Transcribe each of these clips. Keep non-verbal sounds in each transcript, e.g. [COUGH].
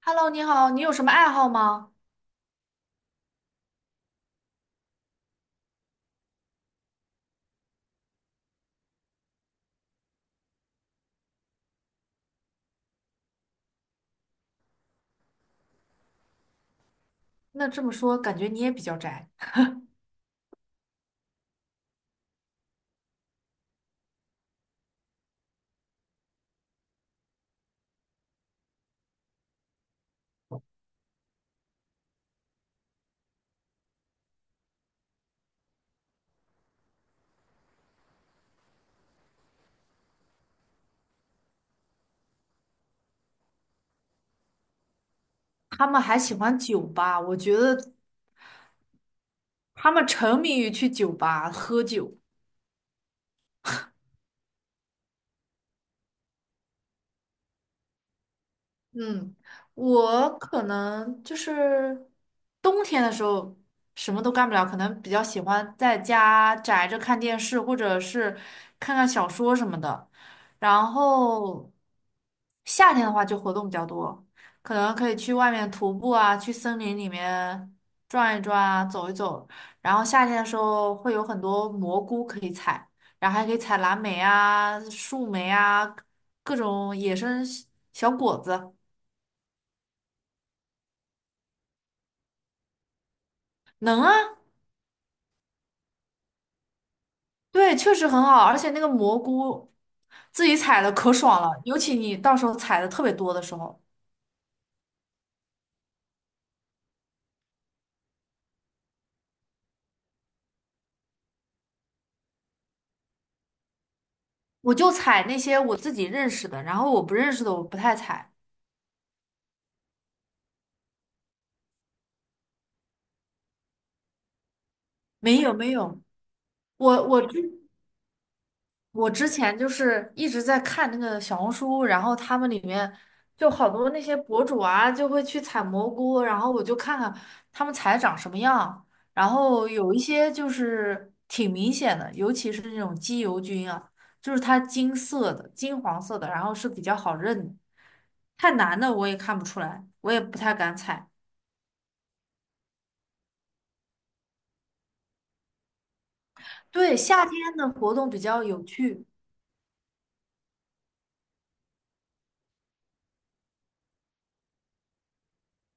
Hello，你好，你有什么爱好吗？那这么说，感觉你也比较宅。他们还喜欢酒吧，我觉得他们沉迷于去酒吧喝酒。嗯，我可能就是冬天的时候什么都干不了，可能比较喜欢在家宅着看电视，或者是看看小说什么的。然后夏天的话就活动比较多，可能可以去外面徒步啊，去森林里面转一转啊，走一走。然后夏天的时候会有很多蘑菇可以采，然后还可以采蓝莓啊、树莓啊，各种野生小果子。能啊，对，确实很好，而且那个蘑菇自己采的可爽了，尤其你到时候采的特别多的时候，我就采那些我自己认识的，然后我不认识的我不太采。没有没有，我我之我之前就是一直在看那个小红书，然后他们里面就好多那些博主啊，就会去采蘑菇，然后我就看看他们采长什么样，然后有一些就是挺明显的，尤其是那种鸡油菌啊，就是它金色的、金黄色的，然后是比较好认的太难的我也看不出来，我也不太敢采。对，夏天的活动比较有趣。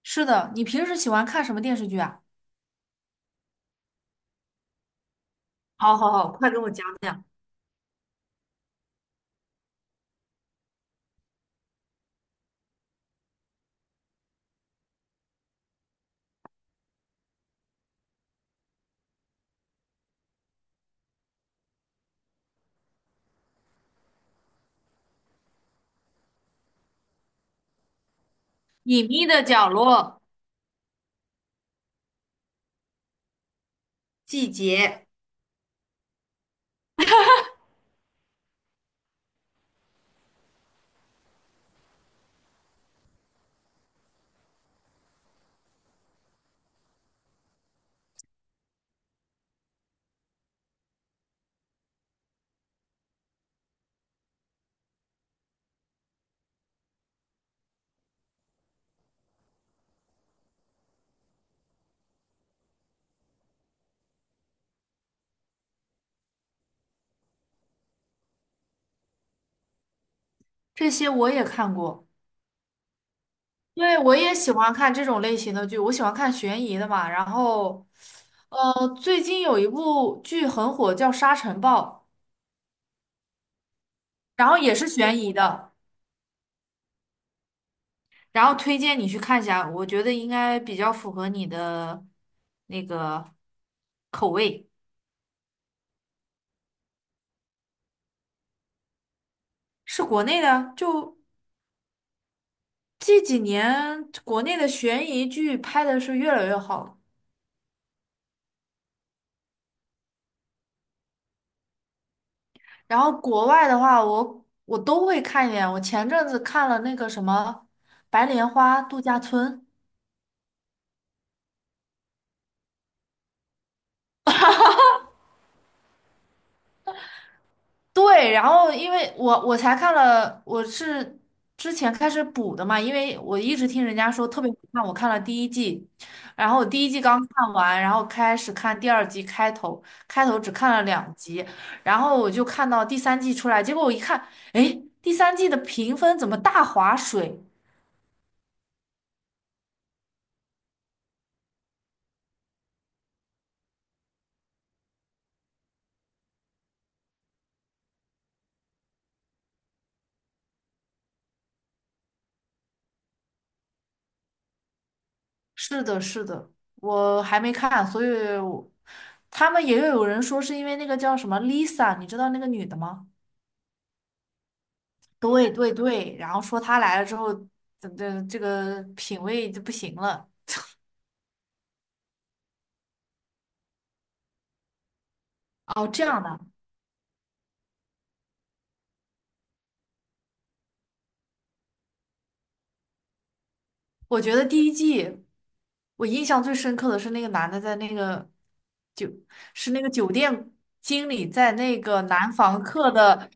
是的，你平时喜欢看什么电视剧啊？好好好，快跟我讲讲。隐秘的角落、季节，这些我也看过。对，我也喜欢看这种类型的剧，我喜欢看悬疑的嘛。然后，最近有一部剧很火，叫《沙尘暴》，然后也是悬疑的，然后推荐你去看一下，我觉得应该比较符合你的那个口味。是国内的，就这几年国内的悬疑剧拍的是越来越好。然后国外的话，我都会看一点。我前阵子看了那个什么《白莲花度假村》，对，然后因为我才看了，我是之前开始补的嘛，因为我一直听人家说特别好看，我看了第一季，然后我第一季刚看完，然后开始看第二季开头，开头只看了2集，然后我就看到第三季出来，结果我一看，哎，第三季的评分怎么大划水？是的，是的，我还没看，所以我他们也有人说是因为那个叫什么 Lisa,你知道那个女的吗？对对对，然后说她来了之后，这个品味就不行了。哦，这样的，我觉得第一季我印象最深刻的是那个男的在那个酒，是那个酒店经理在那个男房客的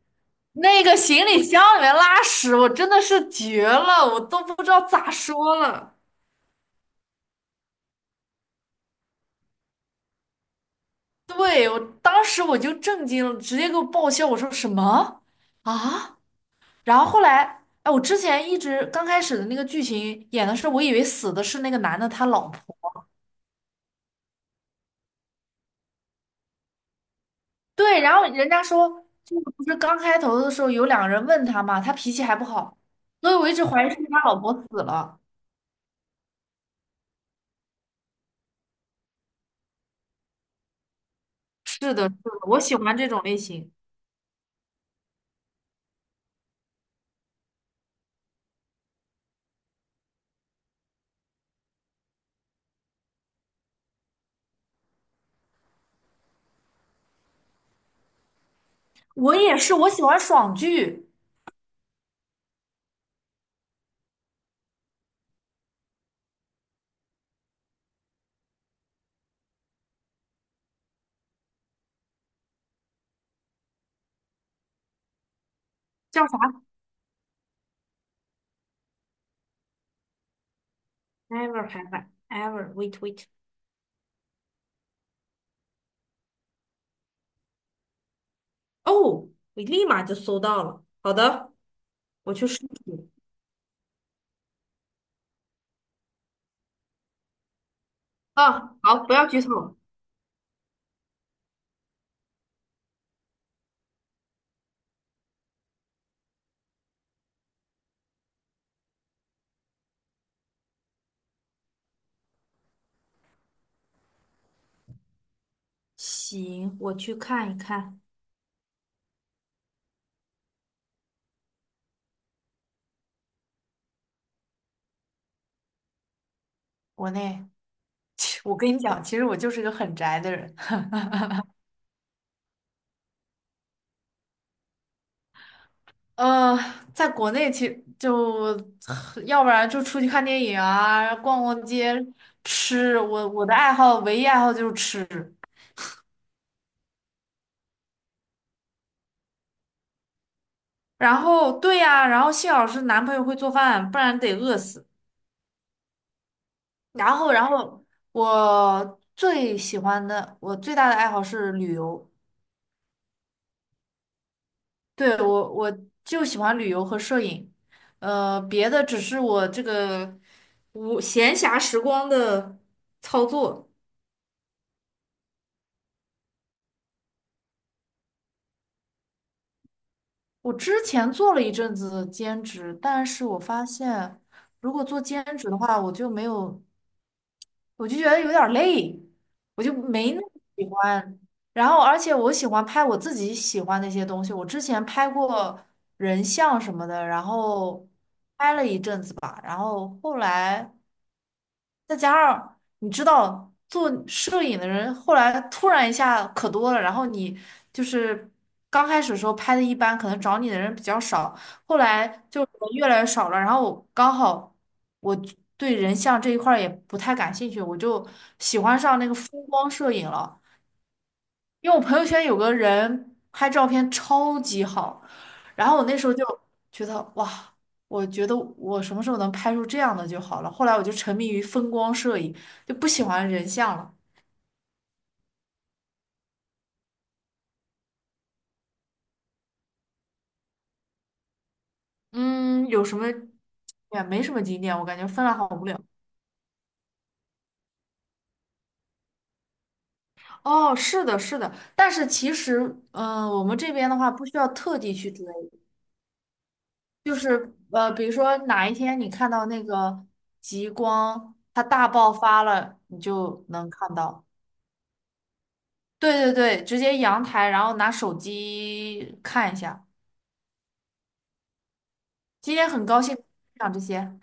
那个行李箱里面拉屎，我真的是绝了，我都不知道咋说了。对，我当时我就震惊了，直接给我爆笑。我说什么啊？然后后来，哎，我之前一直刚开始的那个剧情演的是，我以为死的是那个男的他老婆。对，然后人家说，就是不是刚开头的时候有2个人问他嘛，他脾气还不好，所以我一直怀疑是不是他老婆死了。是的，是的，我喜欢这种类型。我也是，我喜欢爽剧，叫啥？Never have I ever. Wait, wait. 哦，我立马就搜到了。好的。我去试试。啊，好，不要剧透。行，我去看一看。国内，[LAUGHS] [SUCKS TEETH] 我跟你讲，其实我就是个很宅的人。呃，在国内其实就，[SIGHS] 要不然就出去看电影啊，逛逛街，吃。我我的爱好，唯一爱好就是吃。然后，对呀、然后幸好是男朋友会做饭，不然得饿死。然后我最喜欢的，我最大的爱好是旅游。对，我就喜欢旅游和摄影，别的只是我这个无闲暇时光的操作。我之前做了一阵子兼职，但是我发现，如果做兼职的话，我就没有，我就觉得有点儿累，我就没那么喜欢。然后，而且我喜欢拍我自己喜欢的一些东西。我之前拍过人像什么的，然后拍了一阵子吧，然后后来。再加上你知道，做摄影的人后来突然一下可多了，然后你就是刚开始的时候拍的一般，可能找你的人比较少，后来就人越来越少了。然后我刚好我对人像这一块儿也不太感兴趣，我就喜欢上那个风光摄影了。因为我朋友圈有个人拍照片超级好，然后我那时候就觉得哇，我觉得我什么时候能拍出这样的就好了。后来我就沉迷于风光摄影，就不喜欢人像了。嗯，有什么也没什么景点，我感觉芬兰好无聊。哦，是的，是的，但是其实，嗯、我们这边的话不需要特地去追，就是比如说哪一天你看到那个极光它大爆发了，你就能看到。对对对，直接阳台，然后拿手机看一下。今天很高兴讲这些。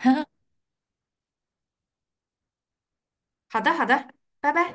[LAUGHS] 好的，好的，拜拜。